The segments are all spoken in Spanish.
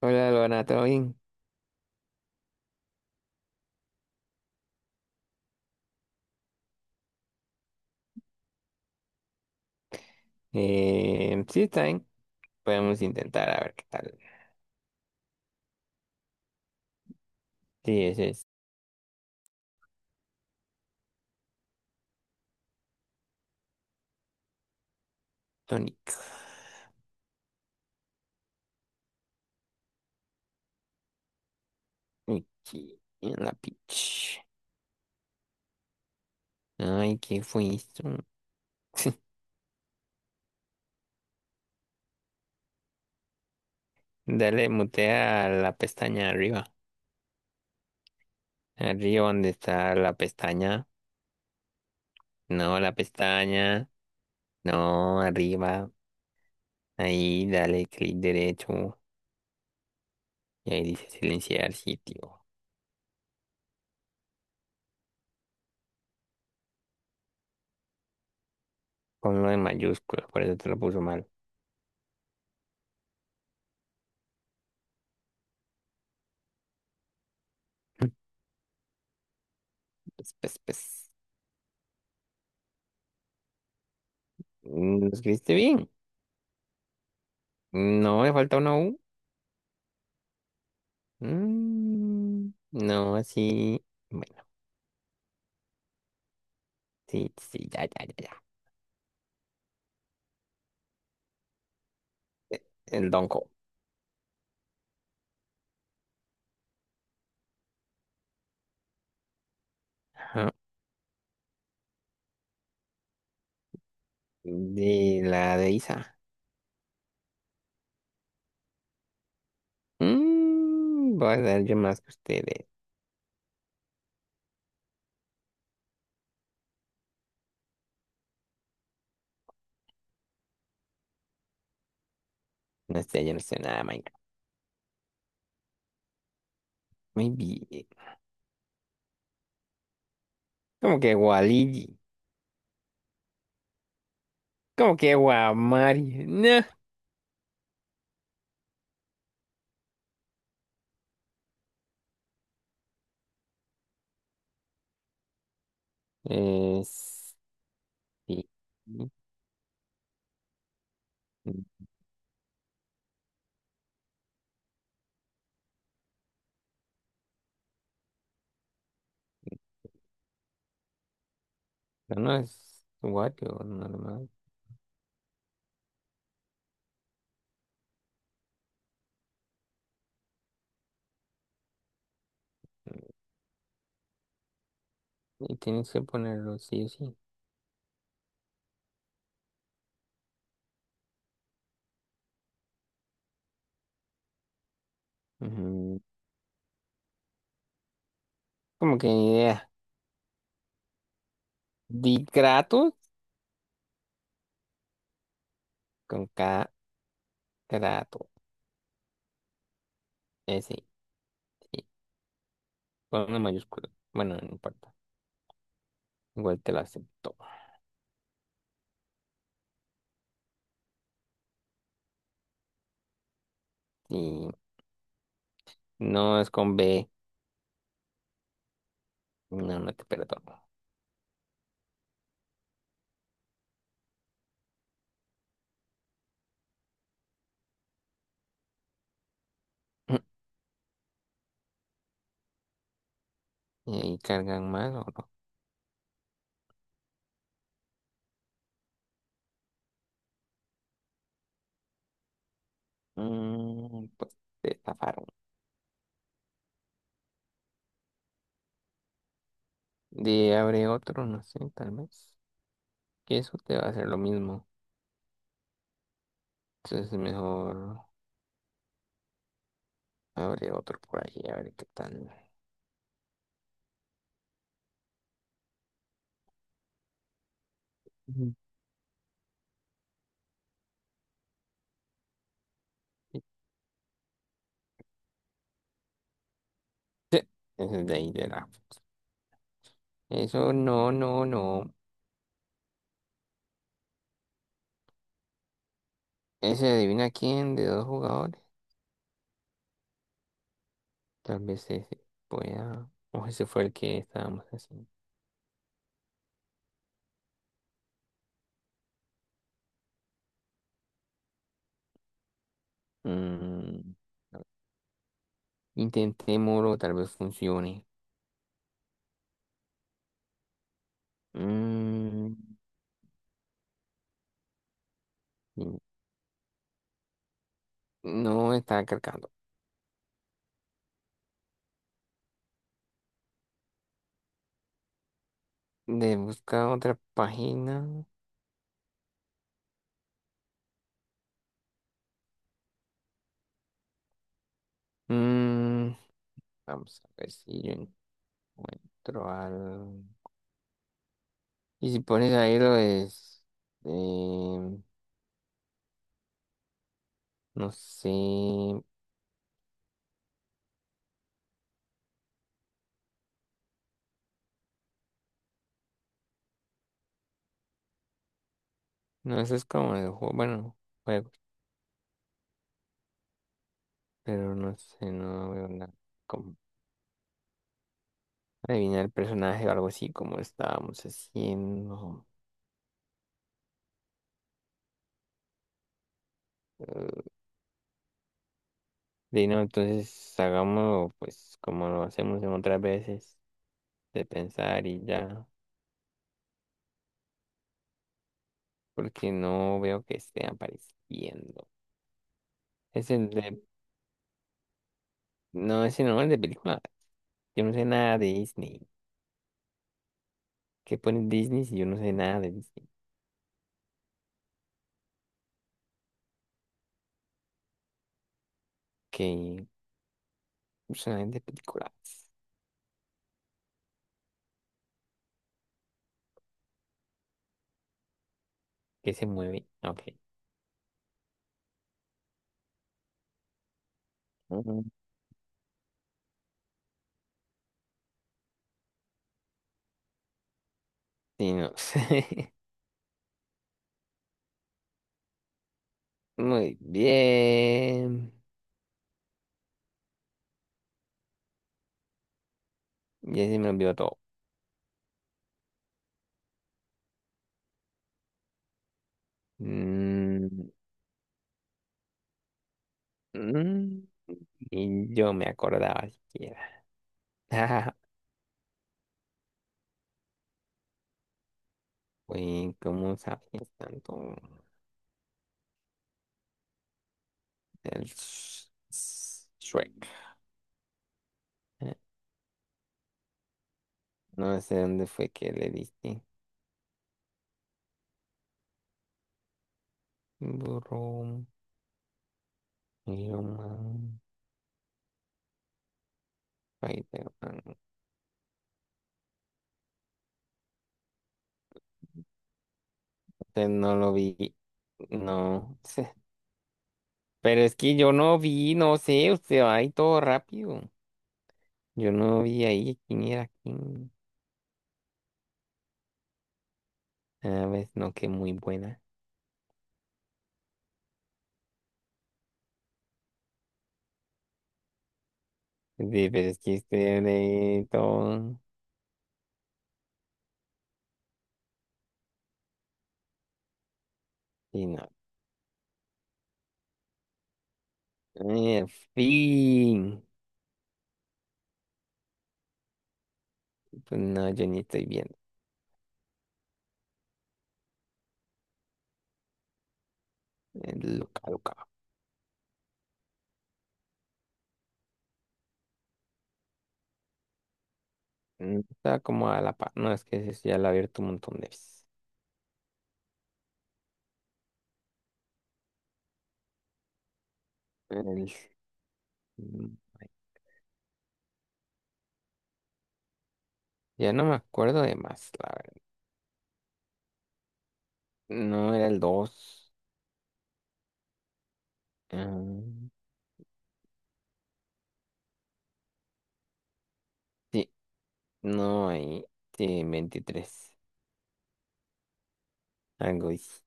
Hola, Luana, ¿todo bien? Sí, está bien. Podemos intentar a ver qué tal. Sí, ese es Tonic. Aquí, en la pitch. Ay, ¿qué fue esto? Dale, mutea a la pestaña arriba. Arriba donde está la pestaña. No, la pestaña. No, arriba. Ahí, dale clic derecho. Y ahí dice silenciar sitio. Ponlo en mayúsculas, por eso te lo puso mal. Pues, pues, pues. ¿Lo escribiste bien? No, me falta una U. Mm, no, sí. Bueno, sí, sí, ya, ya, ya, ya. El Donko. Ajá. De la de Isa. Voy a dar yo más que ustedes. No sé, yo no sé nada, de Minecraft. Muy bien. Como que Waligi. Como que Guamari. No. Es. Sí. No, no es Wario normal. Y tienes que ponerlo sí o sí. Ujú. Como que ni idea. Di Kratos con K. Trato. Sí, sí. Con una mayúscula. Bueno, no importa. Igual te lo acepto. Si no es con B, no, no te perdono. ¿Y ahí cargan mal o no? Pues te zafaron. De abre otro, no sé, tal vez. Que eso te va a hacer lo mismo. Entonces es mejor abre otro por ahí, a ver qué tal. Ujú. Sí, ese es de ahí de la. Eso no, no, no. Ese adivina quién de dos jugadores. Tal vez ese pueda. O ese fue el que estábamos haciendo. Mm, Intentémoslo, tal vez funcione. Mm, mm, no está cargando. De buscar otra página. Mm, Vamos a ver si yo encuentro algo. Y si pones ahí lo es. eh, no sé. No, eso es como el juego. Bueno, juegos. Pero no sé, no veo nada. Adivinar el personaje o algo así como estábamos haciendo. eh, de no, entonces hagámoslo pues como lo hacemos en otras veces, de pensar y ya, porque no veo que esté apareciendo. Es el de, no, ese no, el de película. Yo no sé nada de Disney. ¿Qué pone Disney si yo no sé nada de Disney? Que personajes de películas. ¿Que se mueve? Ok. Ujú. Sí, no sé. Muy bien. Ya se me olvidó todo. Mm, mm, Ni yo me acordaba siquiera. Ah, güey, ¿cómo sabes tanto del Shrek? Eh, No sé dónde fue que le diste. Burro, Iron Man, Spider-Man. Usted no lo vi. No sé. Pero es que yo no vi, no sé, usted va ahí todo rápido. Yo no vi ahí quién era quién. A ver, no, que muy buena. Sí, pero es que usted de todo. Y no. En fin. Pues no, yo ni estoy viendo. Luca, Luca. Está como a la par. No, es que ese sí ya la he abierto un montón de veces. El- mm, Ya no me acuerdo de más, la verdad. No era el 2. Sí, no hay. Sí, 23. Algo hice.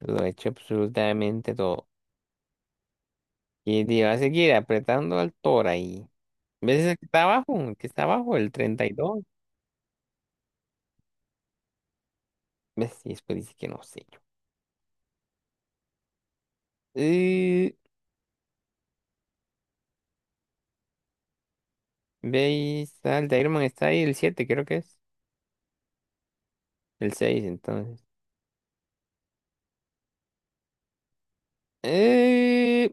Lo he hecho absolutamente todo. Y te va a seguir apretando al toro ahí. ¿Ves el que está abajo? El que está abajo, el 32. ¿Ves? Y después dice que no sé yo. Eh, Ve ahí está de Iron Man, está ahí el 7 creo que es. El seis entonces. Eh,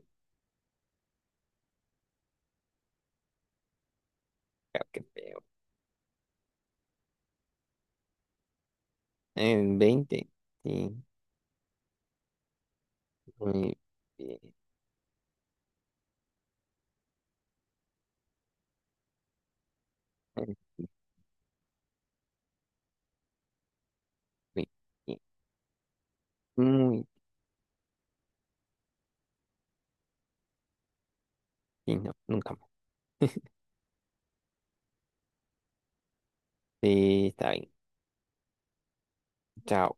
ah, qué feo. En 20. Sí, muy bien. Muy bien. Muy bien. No, nunca más. Sí, está bien. Chao.